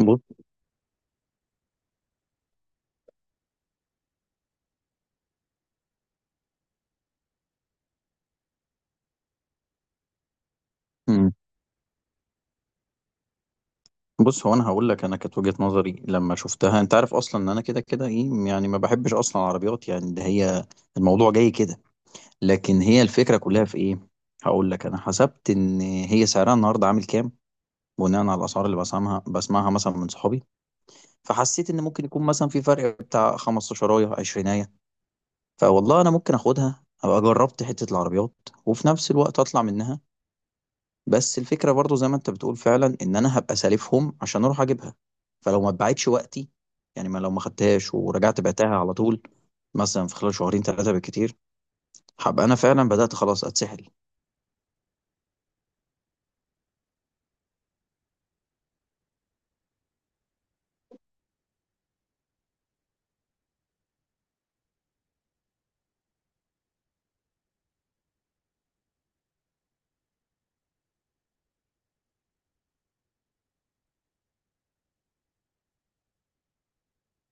بص. مم. بص، هو انا هقول لك انا كانت وجهة نظري لما شفتها انت عارف اصلا ان انا كده كده ايه يعني ما بحبش اصلا العربيات يعني ده هي الموضوع جاي كده. لكن هي الفكرة كلها في ايه؟ هقول لك انا حسبت ان هي سعرها النهارده عامل كام بناء على الاسعار اللي بسمعها مثلا من صحابي. فحسيت ان ممكن يكون مثلا في فرق بتاع 15 20. فوالله انا ممكن اخدها ابقى جربت حتة العربيات، وفي نفس الوقت اطلع منها. بس الفكرة برضو زي ما انت بتقول فعلا ان انا هبقى سالفهم عشان اروح اجيبها، فلو ما اتباعتش وقتي، يعني ما لو ما خدتهاش ورجعت بعتها على طول مثلا في خلال شهرين ثلاثة بالكتير، هبقى انا فعلا بدأت خلاص اتسحل.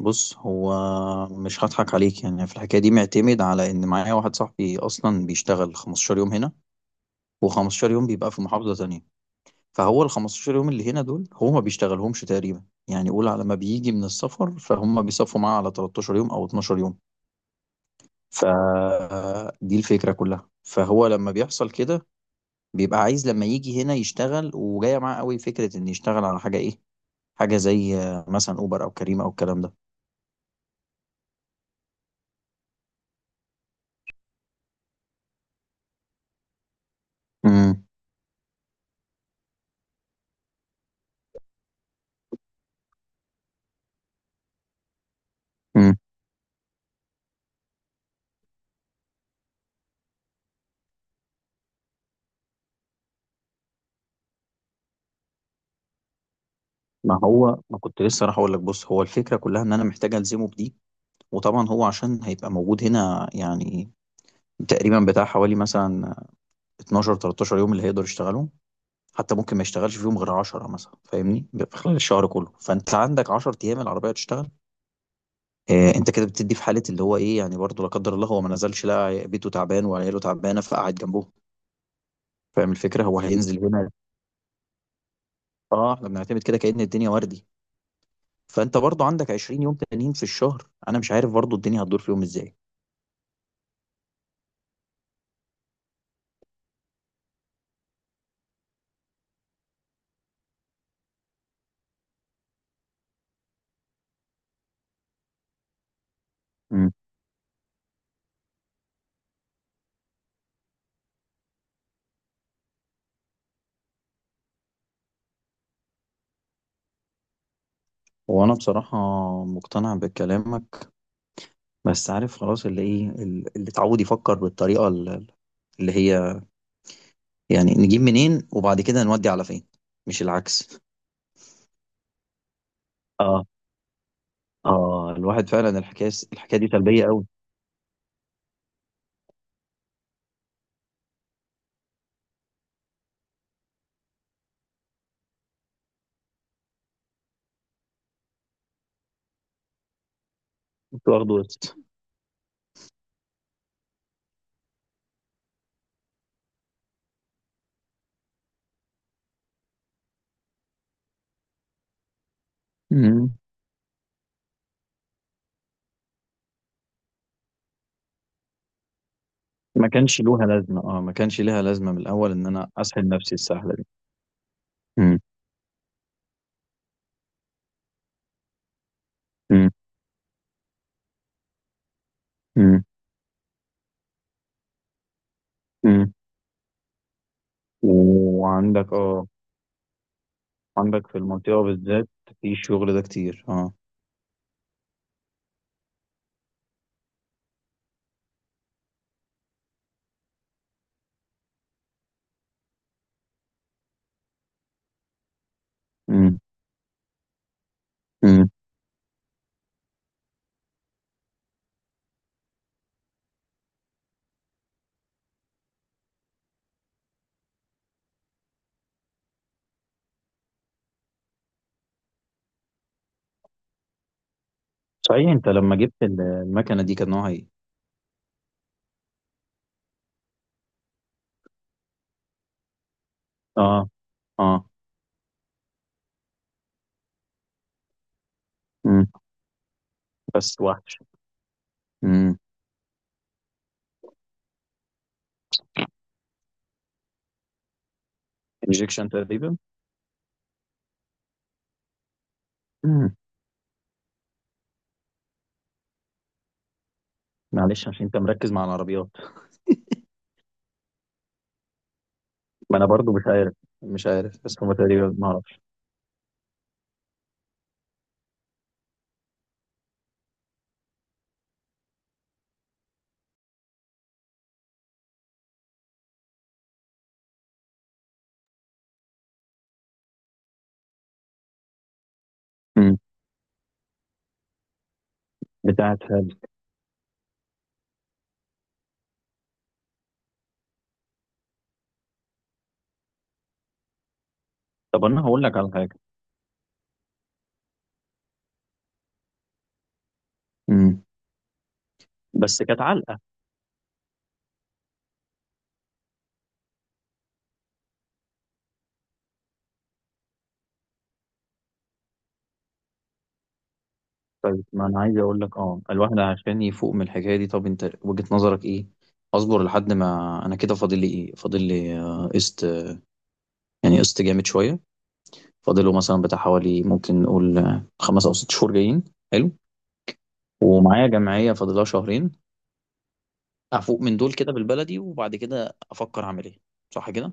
بص، هو مش هضحك عليك يعني في الحكاية دي، معتمد على ان معايا واحد صاحبي اصلا بيشتغل 15 يوم هنا و15 يوم بيبقى في محافظة تانية. فهو ال 15 يوم اللي هنا دول هو ما بيشتغلهمش تقريبا. يعني قول على ما بيجي من السفر فهم بيصفوا معاه على 13 يوم او 12 يوم. فدي الفكرة كلها. فهو لما بيحصل كده بيبقى عايز لما يجي هنا يشتغل، وجاية معاه قوي فكرة ان يشتغل على حاجة ايه، حاجة زي مثلا اوبر او كريم او الكلام ده. امم. امم. ما هو ما كنت لسه راح اقول لك بص، هو الفكرة كلها ان انا محتاج الزمه بدي، وطبعا هو عشان هيبقى موجود هنا يعني تقريبا بتاع حوالي مثلا 12 13 يوم اللي هيقدر يشتغلهم. حتى ممكن ما يشتغلش فيهم غير 10 مثلا، فاهمني؟ في خلال الشهر كله فانت عندك 10 ايام العربية تشتغل. أنت كده بتدّي في حالة اللي هو إيه، يعني برضه لا قدّر الله هو ما نزلش، لقى بيته تعبان وعياله تعبانة فقعد جنبهم. فاهم الفكرة؟ هو هينزل هنا. إحنا بنعتمد كده كأن الدنيا وردي، فأنت برضه عندك 20 يوم تانيين في الشهر، أنا مش عارف برضه الدنيا هتدور فيهم إزاي. إمم. هو أنا بصراحة مقتنع بكلامك، بس عارف خلاص اللي إيه، اللي اتعوّد يفكّر بالطريقة اللي هي يعني نجيب منين وبعد كده نودّي على فين، مش العكس. آه، الواحد فعلًا الحكاية دي سلبية أوي. كنت واخده. مم. ما كانش لوها لازمة، اه، ما كانش ليها لازمة من الأول إن أنا أسحل نفسي السحلة دي. مم. مم. مم. مم. وعندك اه عندك في المنطقة بالذات في الشغل ده كتير، اه. مم. مم. صحيح أنت لما جبت المكنة دي كان نوعها إيه؟ اه. اه. مم. بس وحش. مم. انجكشن تقريبا. مم. معلش عشان أنت مركز مع العربيات. ما أنا برضو مش عارف. مش عارف بس هما تقريبا ما أعرفش. مم. بتاعت هذا. طب أنا هقول لك على حاجة. مم. بس كانت علقة. طيب، ما انا عايز اقول لك اه، الواحد عشان يفوق من الحكايه دي، طب انت وجهه نظرك ايه؟ اصبر لحد ما انا كده فاضل لي ايه؟ فاضل لي قسط، يعني قسط جامد شويه، فاضله مثلا بتاع حوالي ممكن نقول خمس او ست شهور جايين. حلو. ومعايا جمعيه فاضلها شهرين. افوق من دول كده بالبلدي وبعد كده افكر اعمل ايه. صح كده؟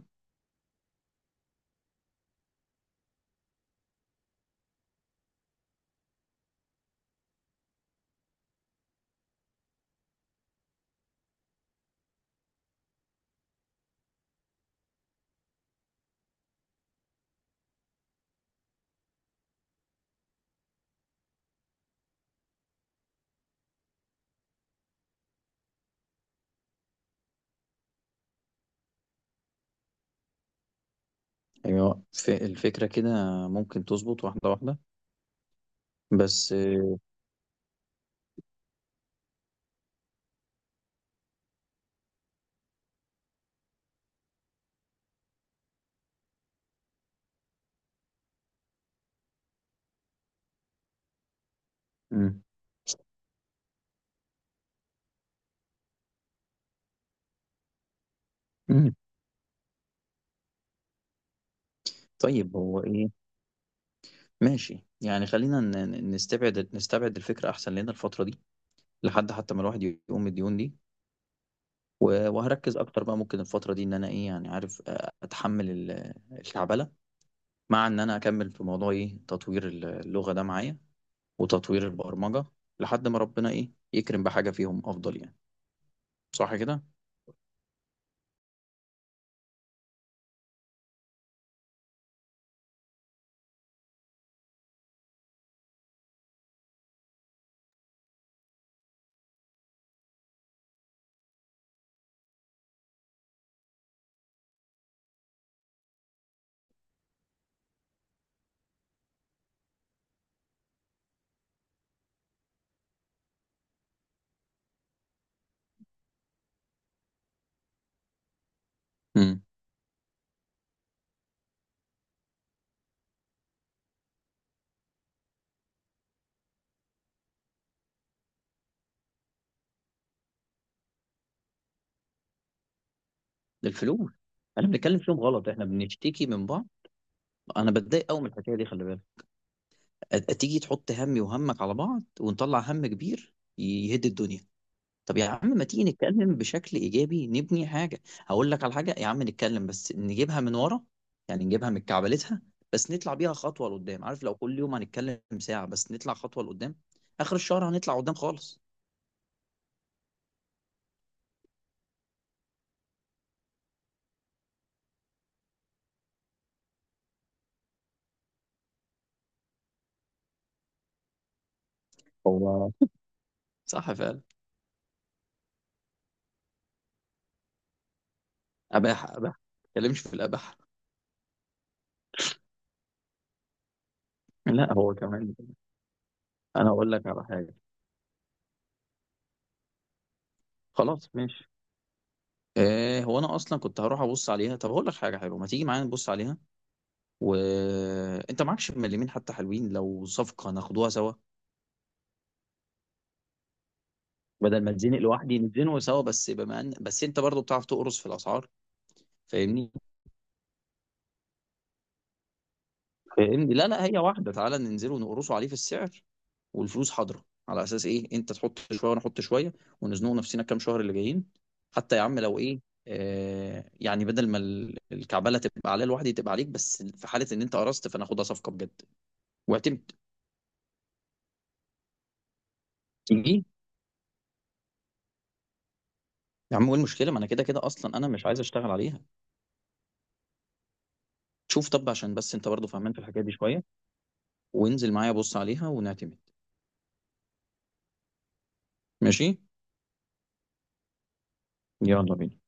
ايوه. ف- الفكره كده ممكن تظبط واحده واحده، بس مم. مم. طيب هو ايه؟ ماشي يعني خلينا نستبعد الفكرة أحسن لنا الفترة دي لحد حتى ما الواحد يقوم من الديون دي. وهركز أكتر بقى ممكن الفترة دي إن أنا إيه يعني عارف أتحمل الكعبلة، مع إن أنا أكمل في موضوع إيه تطوير اللغة ده معايا وتطوير البرمجة لحد ما ربنا إيه يكرم بحاجة فيهم أفضل يعني. صح كده؟ امم. الفلوس. احنا بنتكلم فيهم غلط. احنا بنشتكي من بعض. انا بتضايق قوي من الحكايه دي، خلي بالك. تيجي تحط همي وهمك على بعض ونطلع هم كبير يهد الدنيا. طب يا عم ما تيجي نتكلم بشكل ايجابي، نبني حاجه. هقول لك على حاجه يا عم، نتكلم بس نجيبها من ورا، يعني نجيبها من كعبلتها، بس نطلع بيها خطوه لقدام. عارف لو كل يوم هنتكلم ساعه بس نطلع خطوه لقدام، اخر الشهر هنطلع قدام خالص. هو صح فعلا. اباحه، اباحه، ما تتكلمش في الاباحه. لا، هو كمان انا اقول لك على حاجه. خلاص ماشي. إيه هو، انا اصلا كنت هروح ابص عليها. طب هقول لك حاجه حلوه، ما تيجي معايا نبص عليها، وانت معكش مليمين حتى حلوين، لو صفقه ناخدوها سوا. بدل ما اتزنق لوحدي نتزنقوا سوا، بس بما ان بس انت برضو بتعرف تقرص في الاسعار. فاهمني؟ فاهمني، لا لا، هي واحده، تعالى ننزل ونقرصوا عليه في السعر والفلوس حاضره، على اساس ايه انت تحط شويه وانا احط شويه، ونزنقوا نفسنا كام شهر اللي جايين. حتى يا عم لو ايه، آه يعني بدل ما الكعبله تبقى عليا لوحدي تبقى عليك، بس في حاله ان انت قرصت فانا اخدها صفقه بجد، واعتمد. تيجي. يا عم ايه المشكله ما انا كده كده اصلا انا مش عايز اشتغل عليها. شوف طب عشان بس انت برضو فهمان في الحكايه دي شويه، وانزل معايا بص عليها ونعتمد. ماشي، يلا بينا.